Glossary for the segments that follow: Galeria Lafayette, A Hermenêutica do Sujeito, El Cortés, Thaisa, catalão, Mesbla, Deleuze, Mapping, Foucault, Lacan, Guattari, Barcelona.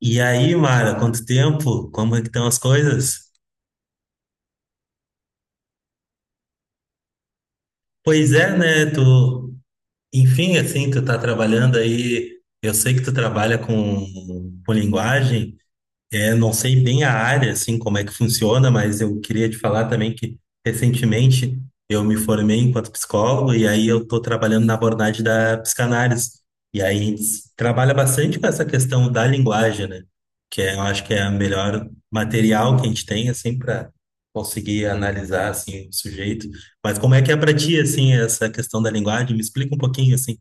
E aí, Mara, quanto tempo? Como é que estão as coisas? Pois é, né? Tu, enfim, assim, tu tá trabalhando aí. Eu sei que tu trabalha com linguagem. É, não sei bem a área, assim, como é que funciona, mas eu queria te falar também que recentemente eu me formei enquanto psicólogo e aí eu estou trabalhando na abordagem da psicanálise. E aí a gente trabalha bastante com essa questão da linguagem, né? Que é, eu acho que é o melhor material que a gente tem, assim, para conseguir analisar, assim, o sujeito. Mas como é que é para ti, assim, essa questão da linguagem? Me explica um pouquinho, assim.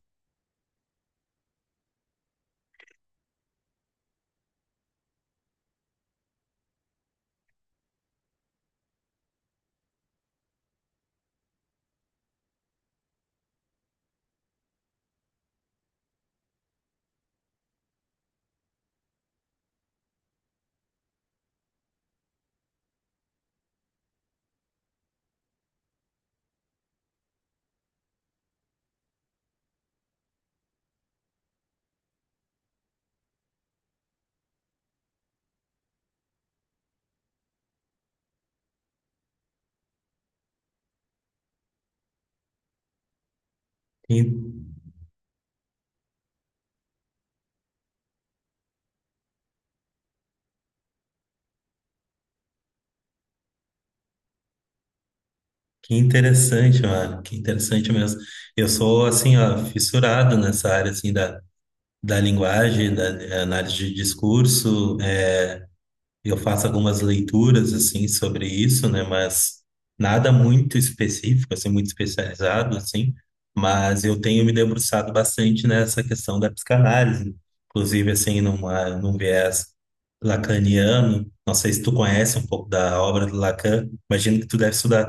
Que interessante, mano. Que interessante mesmo. Eu sou, assim, ó, fissurado nessa área, assim, da linguagem, da análise de discurso. Eh, eu faço algumas leituras, assim, sobre isso, né? Mas nada muito específico, assim, muito especializado, assim. Mas eu tenho me debruçado bastante nessa questão da psicanálise. Inclusive, assim, num viés lacaniano. Não sei se tu conhece um pouco da obra do Lacan. Imagino que tu deve estudar.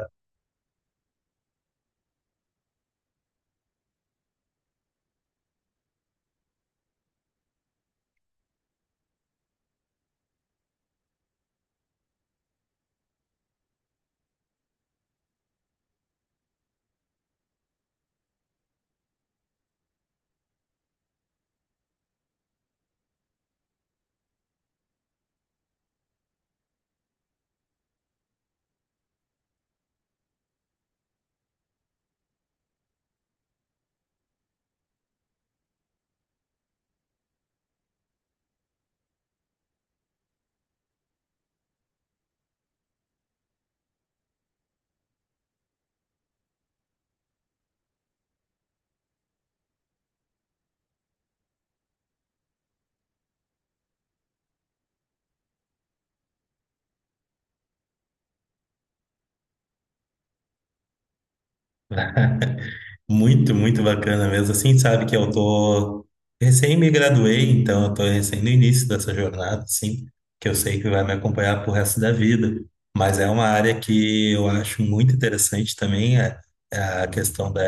Muito, muito bacana mesmo. Assim, sabe que eu tô recém me graduei, então eu tô recém no início dessa jornada, assim, que eu sei que vai me acompanhar pro resto da vida. Mas é uma área que eu acho muito interessante também, é a questão da,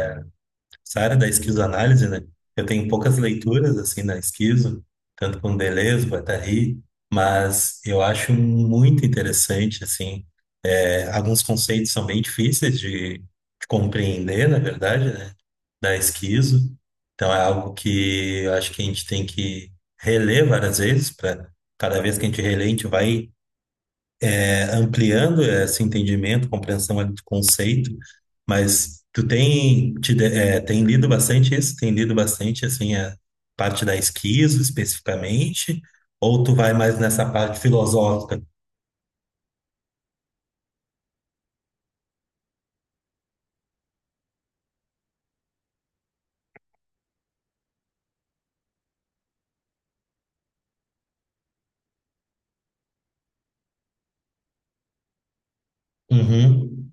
essa área da esquizoanálise, né? Eu tenho poucas leituras, assim, na esquizo, tanto com Deleuze, Guattari, mas eu acho muito interessante, assim, alguns conceitos são bem difíceis de compreender, na verdade, né? Da esquizo. Então é algo que eu acho que a gente tem que reler várias vezes, para cada vez que a gente relê, a gente vai ampliando esse entendimento, compreensão ali do conceito. Mas tu tem, te, de- é, tem lido bastante isso? Tem lido bastante, assim, a parte da esquizo especificamente? Ou tu vai mais nessa parte filosófica? Uhum,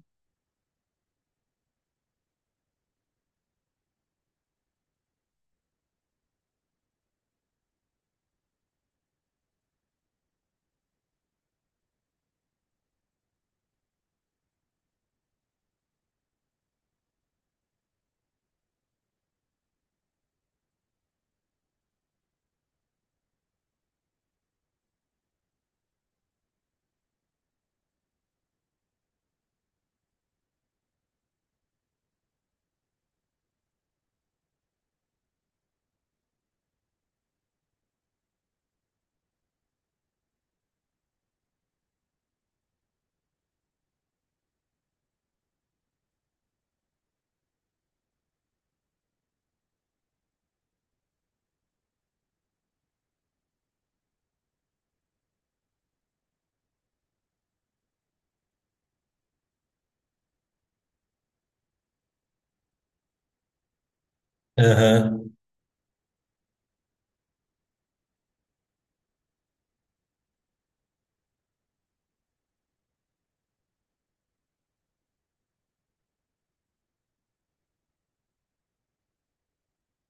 aham,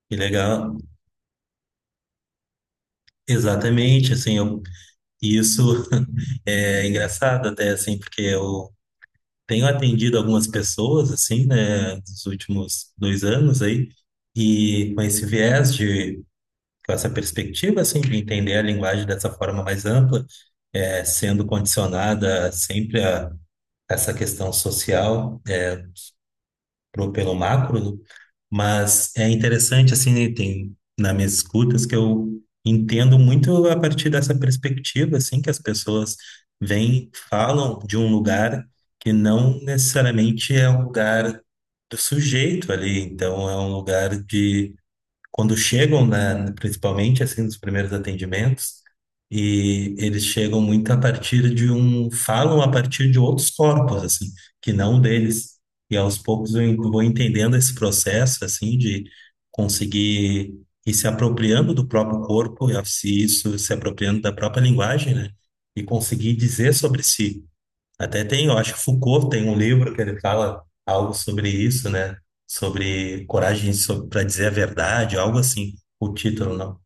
que legal. Exatamente, assim, e isso é engraçado até, assim, porque eu tenho atendido algumas pessoas, assim, né, nos últimos dois anos aí, e com esse com essa perspectiva, assim, de entender a linguagem dessa forma mais ampla, sendo condicionada sempre a essa questão social, pelo macro, né? Mas é interessante, assim, né, tem nas minhas escutas que eu entendo muito a partir dessa perspectiva, assim, que as pessoas vêm, falam de um lugar que não necessariamente é um lugar do sujeito ali, então é um lugar de quando chegam, né, principalmente assim nos primeiros atendimentos, e eles chegam muito a partir de falam a partir de outros corpos assim, que não o deles. E aos poucos vou entendendo esse processo assim de conseguir ir se apropriando do próprio corpo, e se isso se apropriando da própria linguagem, né? E conseguir dizer sobre si. Até tem, eu acho que Foucault tem um livro que ele fala algo sobre isso, né? Sobre coragem para dizer a verdade, algo assim, o título, não.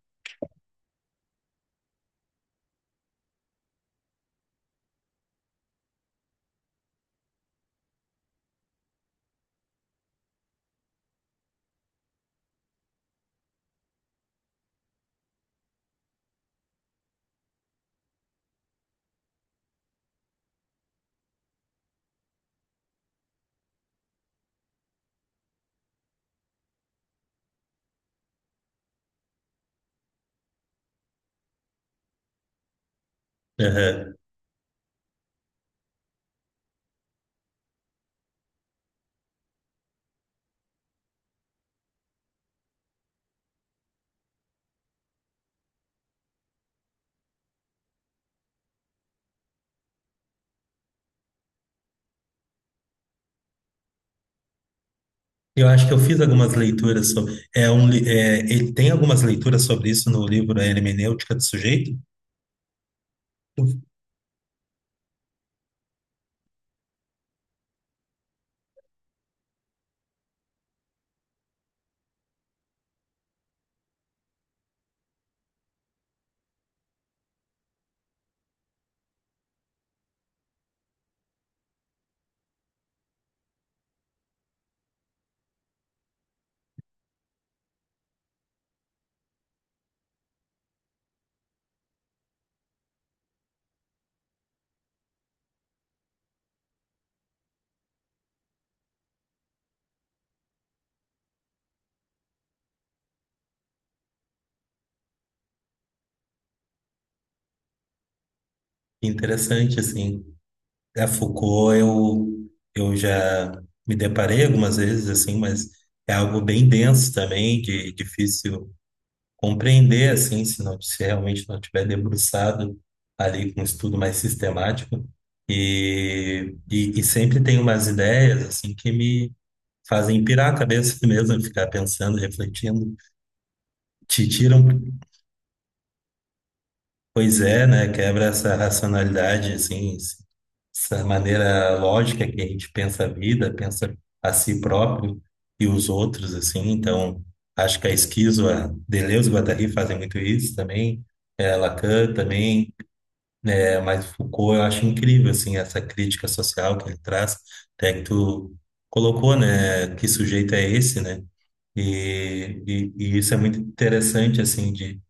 Aham. Eu acho que eu fiz algumas leituras sobre. Ele tem algumas leituras sobre isso no livro A Hermenêutica do Sujeito. Interessante, assim. A Foucault, eu já me deparei algumas vezes, assim, mas é algo bem denso também, difícil compreender, assim, se realmente não tiver debruçado ali com um estudo mais sistemático. E sempre tem umas ideias, assim, que me fazem pirar a cabeça mesmo, ficar pensando, refletindo, te tiram. Pois é, né? Quebra essa racionalidade, assim, essa maneira lógica que a gente pensa a vida, pensa a si próprio e os outros, assim. Então, acho que a Esquizo, a Deleuze e Guattari fazem muito isso também, Lacan também, é, mas Foucault eu acho incrível, assim, essa crítica social que ele traz, até que tu colocou, né? Que sujeito é esse, né? E isso é muito interessante, assim,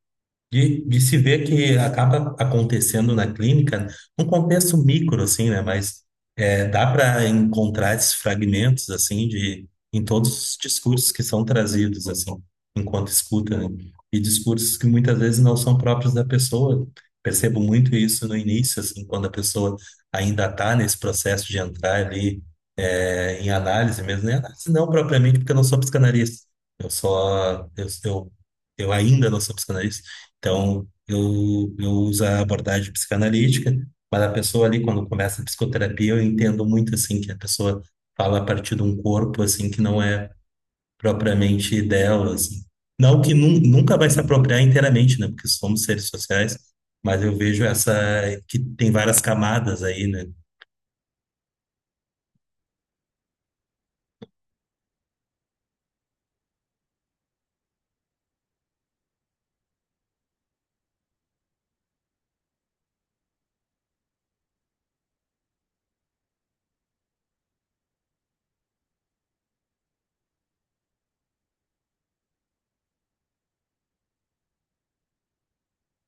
de se ver que acaba acontecendo na clínica, num contexto micro, assim, né? Mas é, dá para encontrar esses fragmentos, assim, de, em todos os discursos que são trazidos, assim, enquanto escuta, né? E discursos que muitas vezes não são próprios da pessoa. Percebo muito isso no início, assim, quando a pessoa ainda está nesse processo de entrar ali em análise mesmo, né? Análise não propriamente, porque eu não sou psicanalista. Eu só, eu ainda não sou psicanalista, então, eu uso a abordagem psicanalítica, mas a pessoa ali, quando começa a psicoterapia, eu entendo muito, assim, que a pessoa fala a partir de um corpo, assim, que não é propriamente dela, assim. Não que nunca vai se apropriar inteiramente, né? Porque somos seres sociais, mas eu vejo essa, que tem várias camadas aí, né?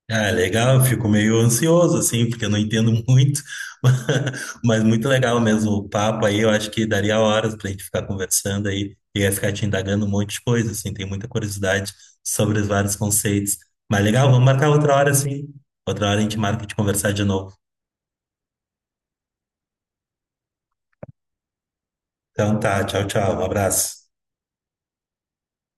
Ah, legal, eu fico meio ansioso, assim, porque eu não entendo muito, mas muito legal mesmo o papo aí, eu acho que daria horas pra gente ficar conversando aí, e ia ficar te indagando um monte de coisa, assim, tem muita curiosidade sobre os vários conceitos. Mas legal, vamos marcar outra hora, assim, outra hora a gente marca de conversar de novo. Então tá, tchau, tchau, um abraço.